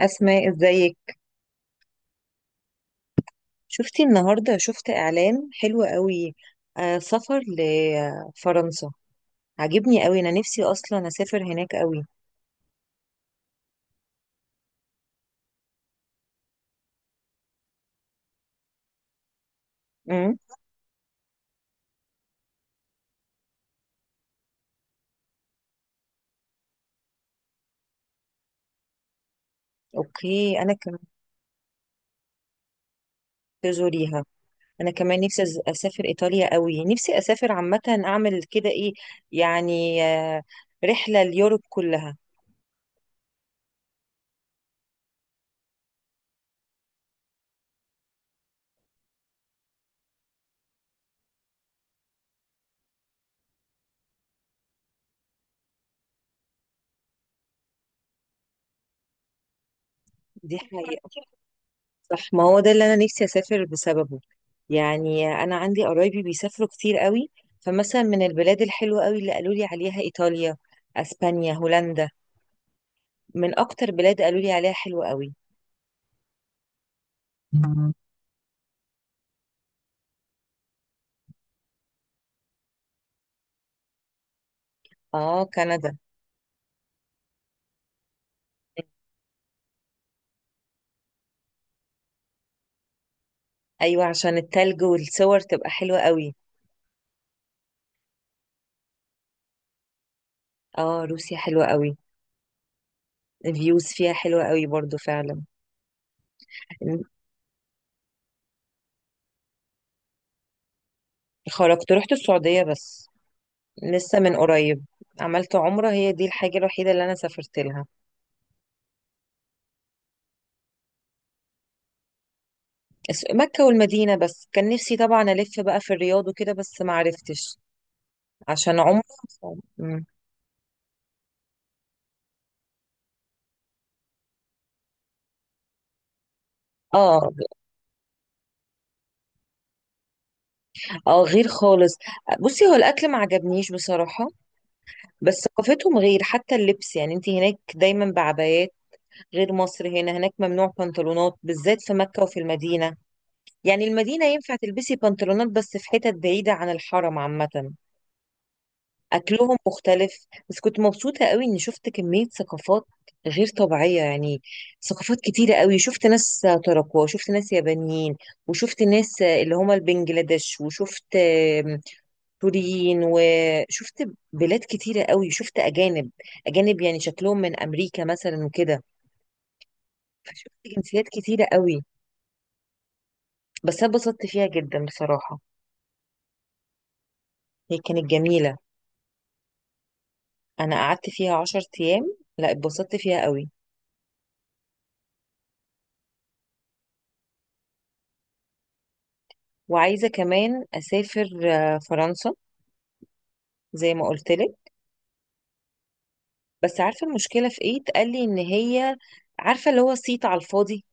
أسماء، ازيك؟ شفتي النهاردة؟ شفت إعلان حلو قوي. آه، سفر لفرنسا. عجبني قوي، أنا نفسي أصلا أسافر هناك قوي. امم. أوكي، أنا كمان. تزوريها. أنا كمان نفسي أسافر إيطاليا قوي، نفسي أسافر عامة، أعمل كده إيه. يعني رحلة اليوروب كلها. دي حقيقة. صح، ما هو ده اللي انا نفسي اسافر بسببه. يعني انا عندي قرايبي بيسافروا كتير قوي. فمثلا من البلاد الحلوه قوي اللي قالوا لي عليها ايطاليا، اسبانيا، هولندا. من اكتر بلاد قالوا لي عليها حلوه قوي. مم. اه، كندا. ايوه، عشان التلج والصور تبقى حلوه قوي. اه، روسيا حلوه قوي. الفيوز فيها حلوه قوي برضو فعلا. خرجت، رحت السعوديه بس، لسه من قريب. عملت عمره، هي دي الحاجه الوحيده اللي انا سافرت لها. مكة والمدينة بس، كان نفسي طبعا ألف بقى في الرياض وكده، بس ما عرفتش عشان عمري. مم. اه. اه، غير خالص. بصي، هو الأكل ما عجبنيش بصراحة. بس ثقافتهم غير، حتى اللبس، يعني انت هناك دايما بعبايات، غير مصر. هنا هناك ممنوع بنطلونات بالذات في مكة وفي المدينة. يعني المدينة ينفع تلبسي بنطلونات بس في حتت بعيدة عن الحرم عامة. اكلهم مختلف، بس كنت مبسوطه قوي اني شفت كميه ثقافات غير طبيعيه يعني. ثقافات كتيره قوي، شفت ناس تراكوة، شفت ناس يابانيين، وشفت ناس اللي هما البنجلاديش، وشفت سوريين، وشفت بلاد كتيره قوي، شفت اجانب. اجانب يعني شكلهم من امريكا مثلا وكده. فشفت جنسيات كتيره قوي. بس انا اتبسطت فيها جدا بصراحه، هي كانت جميله. انا قعدت فيها 10 ايام، لا اتبسطت فيها قوي. وعايزة كمان أسافر فرنسا، زي ما قلتلك. بس عارفة المشكلة في إيه؟ اتقالي إن هي، عارفة اللي هو صيت على الفاضي.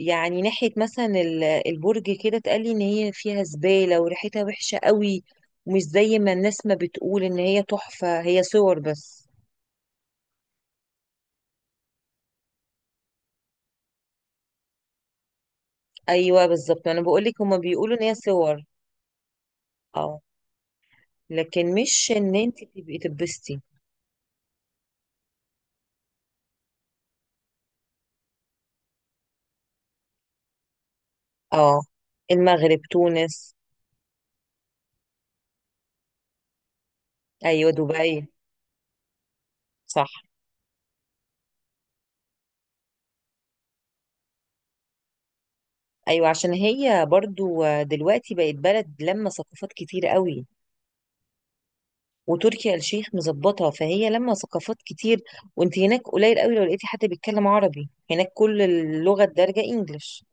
يعني ناحية مثلا البرج كده، اتقالي إن هي فيها زبالة وريحتها وحشة قوي، ومش زي ما الناس ما بتقول إن هي تحفة، هي صور بس. أيوه، بالظبط، أنا بقولك هما بيقولوا إن هي صور. اه. لكن مش إن أنت تبقي تبستي. اه، المغرب، تونس. أيوه، دبي. صح. ايوه، عشان هي برضو دلوقتي بقت بلد لما ثقافات كتير قوي، وتركي آل الشيخ مظبطها، فهي لما ثقافات كتير. وانت هناك قليل قوي لو لقيتي حد بيتكلم عربي هناك، كل اللغة الدارجة انجلش.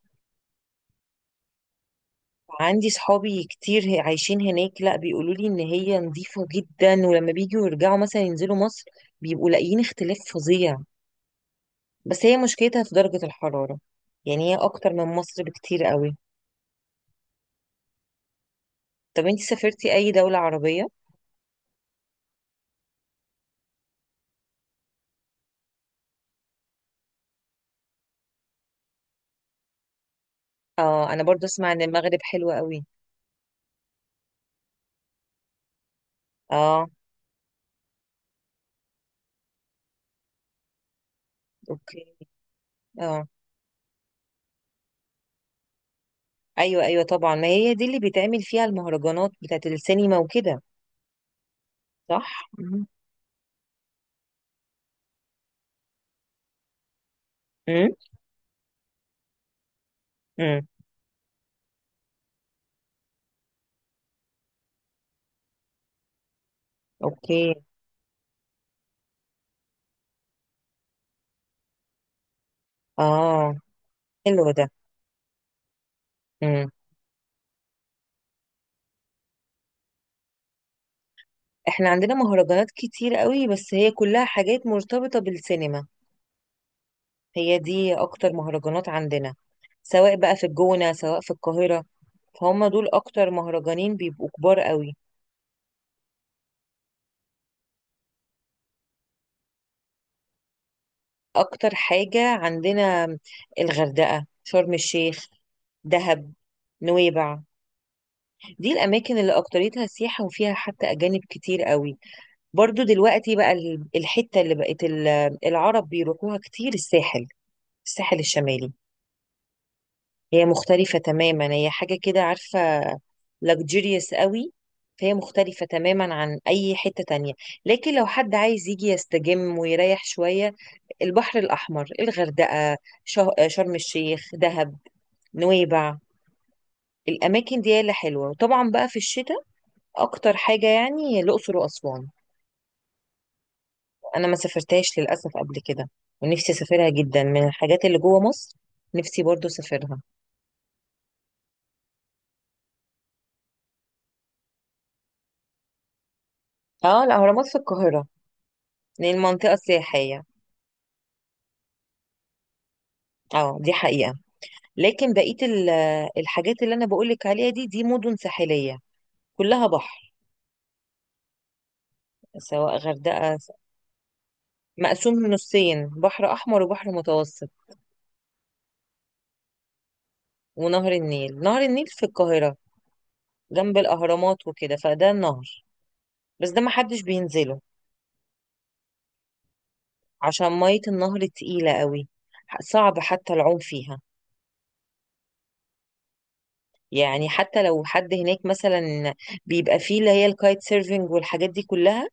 عندي صحابي كتير عايشين هناك، لا بيقولوا لي ان هي نظيفة جدا، ولما بيجوا يرجعوا مثلا ينزلوا مصر بيبقوا لاقيين اختلاف فظيع. بس هي مشكلتها في درجة الحرارة، يعني هي اكتر من مصر بكتير قوي. طب انت سافرتي اي دولة عربية؟ اه، انا برضو اسمع ان المغرب حلوة قوي. اه. اوكي. اه. ايوه، ايوه، طبعا، ما هي دي اللي بيتعمل فيها المهرجانات بتاعت السينما وكده. صح. مم. امم. امم. اوكي. اه. حلو ده. امم. احنا عندنا مهرجانات كتير قوي بس هي كلها حاجات مرتبطة بالسينما. هي دي اكتر مهرجانات عندنا، سواء بقى في الجونة سواء في القاهرة، فهم دول اكتر مهرجانين بيبقوا كبار قوي. اكتر حاجة عندنا الغردقة، شرم الشيخ، دهب، نويبع. دي الأماكن اللي أكتريتها سياحة وفيها حتى أجانب كتير قوي. برضو دلوقتي بقى الحتة اللي بقت العرب بيروحوها كتير الساحل، الساحل الشمالي. هي مختلفة تماما، هي حاجة كده، عارفة، luxurious قوي. فهي مختلفة تماما عن أي حتة تانية. لكن لو حد عايز يجي يستجم ويريح شوية، البحر الأحمر، الغردقة، شرم الشيخ، دهب، نويبع، الأماكن دي اللي حلوة. وطبعا بقى في الشتاء اكتر حاجة يعني الاقصر واسوان. انا ما سافرتهاش للاسف قبل كده، ونفسي اسافرها جدا من الحاجات اللي جوه مصر. نفسي برضو اسافرها. اه، الاهرامات في القاهرة، لان منطقة سياحية. اه، دي حقيقة. لكن بقية الحاجات اللي انا بقولك عليها دي مدن ساحلية، كلها بحر، سواء غردقة. مقسوم نصين، بحر احمر وبحر متوسط. ونهر النيل، نهر النيل في القاهرة جنب الاهرامات وكده، فده النهر بس ده محدش بينزله عشان مية النهر تقيلة قوي، صعب حتى العوم فيها. يعني حتى لو حد هناك مثلا، بيبقى فيه اللي هي الكايت سيرفينج والحاجات دي كلها،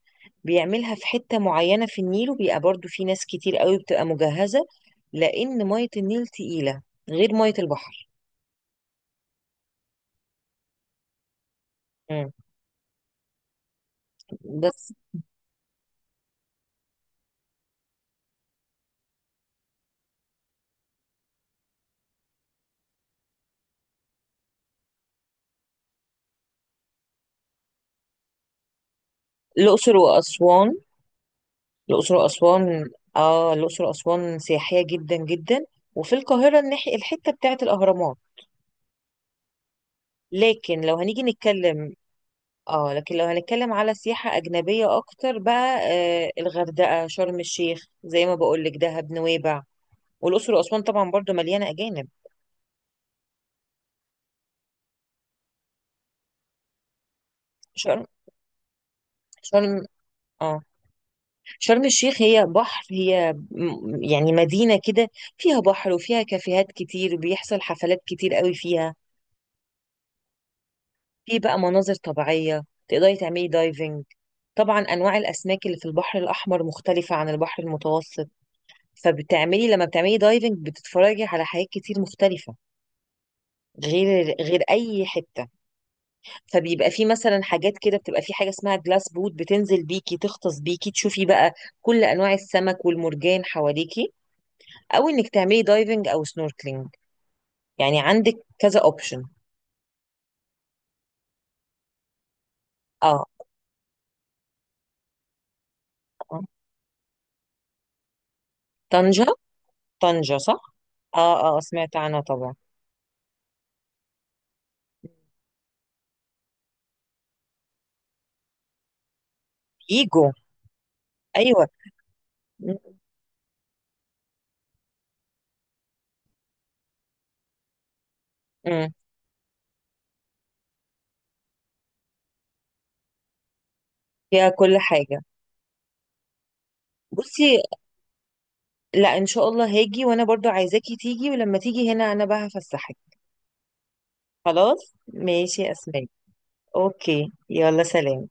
بيعملها في حتة معينة في النيل، وبيبقى برضو في ناس كتير قوي بتبقى مجهزة، لأن مية النيل تقيلة غير مية البحر. مم. بس الأقصر وأسوان الأقصر وأسوان. آه، الأقصر وأسوان سياحية جدا جدا. وفي القاهرة الناحية الحتة بتاعت الأهرامات. لكن لو هنيجي نتكلم، اه، لكن لو هنتكلم على سياحة أجنبية أكتر بقى، الغردقة، شرم الشيخ، زي ما بقولك، دهب، نويبع، والأقصر وأسوان طبعا برضو مليانة أجانب. شرم. شرم. اه. شرم الشيخ هي بحر، هي يعني مدينة كده، فيها بحر وفيها كافيهات كتير، وبيحصل حفلات كتير قوي فيها. في بقى مناظر طبيعية، تقدري تعملي دايفنج. طبعا انواع الاسماك اللي في البحر الاحمر مختلفه عن البحر المتوسط، لما بتعملي دايفنج بتتفرجي على حاجات كتير مختلفه غير اي حته. فبيبقى في مثلا حاجات كده، بتبقى في حاجه اسمها جلاس بوت، بتنزل بيكي تغطس بيكي تشوفي بقى كل انواع السمك والمرجان حواليكي، او انك تعملي دايفنج او سنوركلينج، يعني عندك كذا اوبشن. اه. آه. طنجة. طنجة، صح. اه، اه، سمعت عنها طبعا. ايجو. ايوه. م- م. فيها كل حاجه. بصي، لا ان شاء الله هاجي، وانا برضو عايزاكي تيجي، ولما تيجي هنا انا بقى هفسحك. خلاص، ماشي يا اسماء. اوكي، يلا، سلام.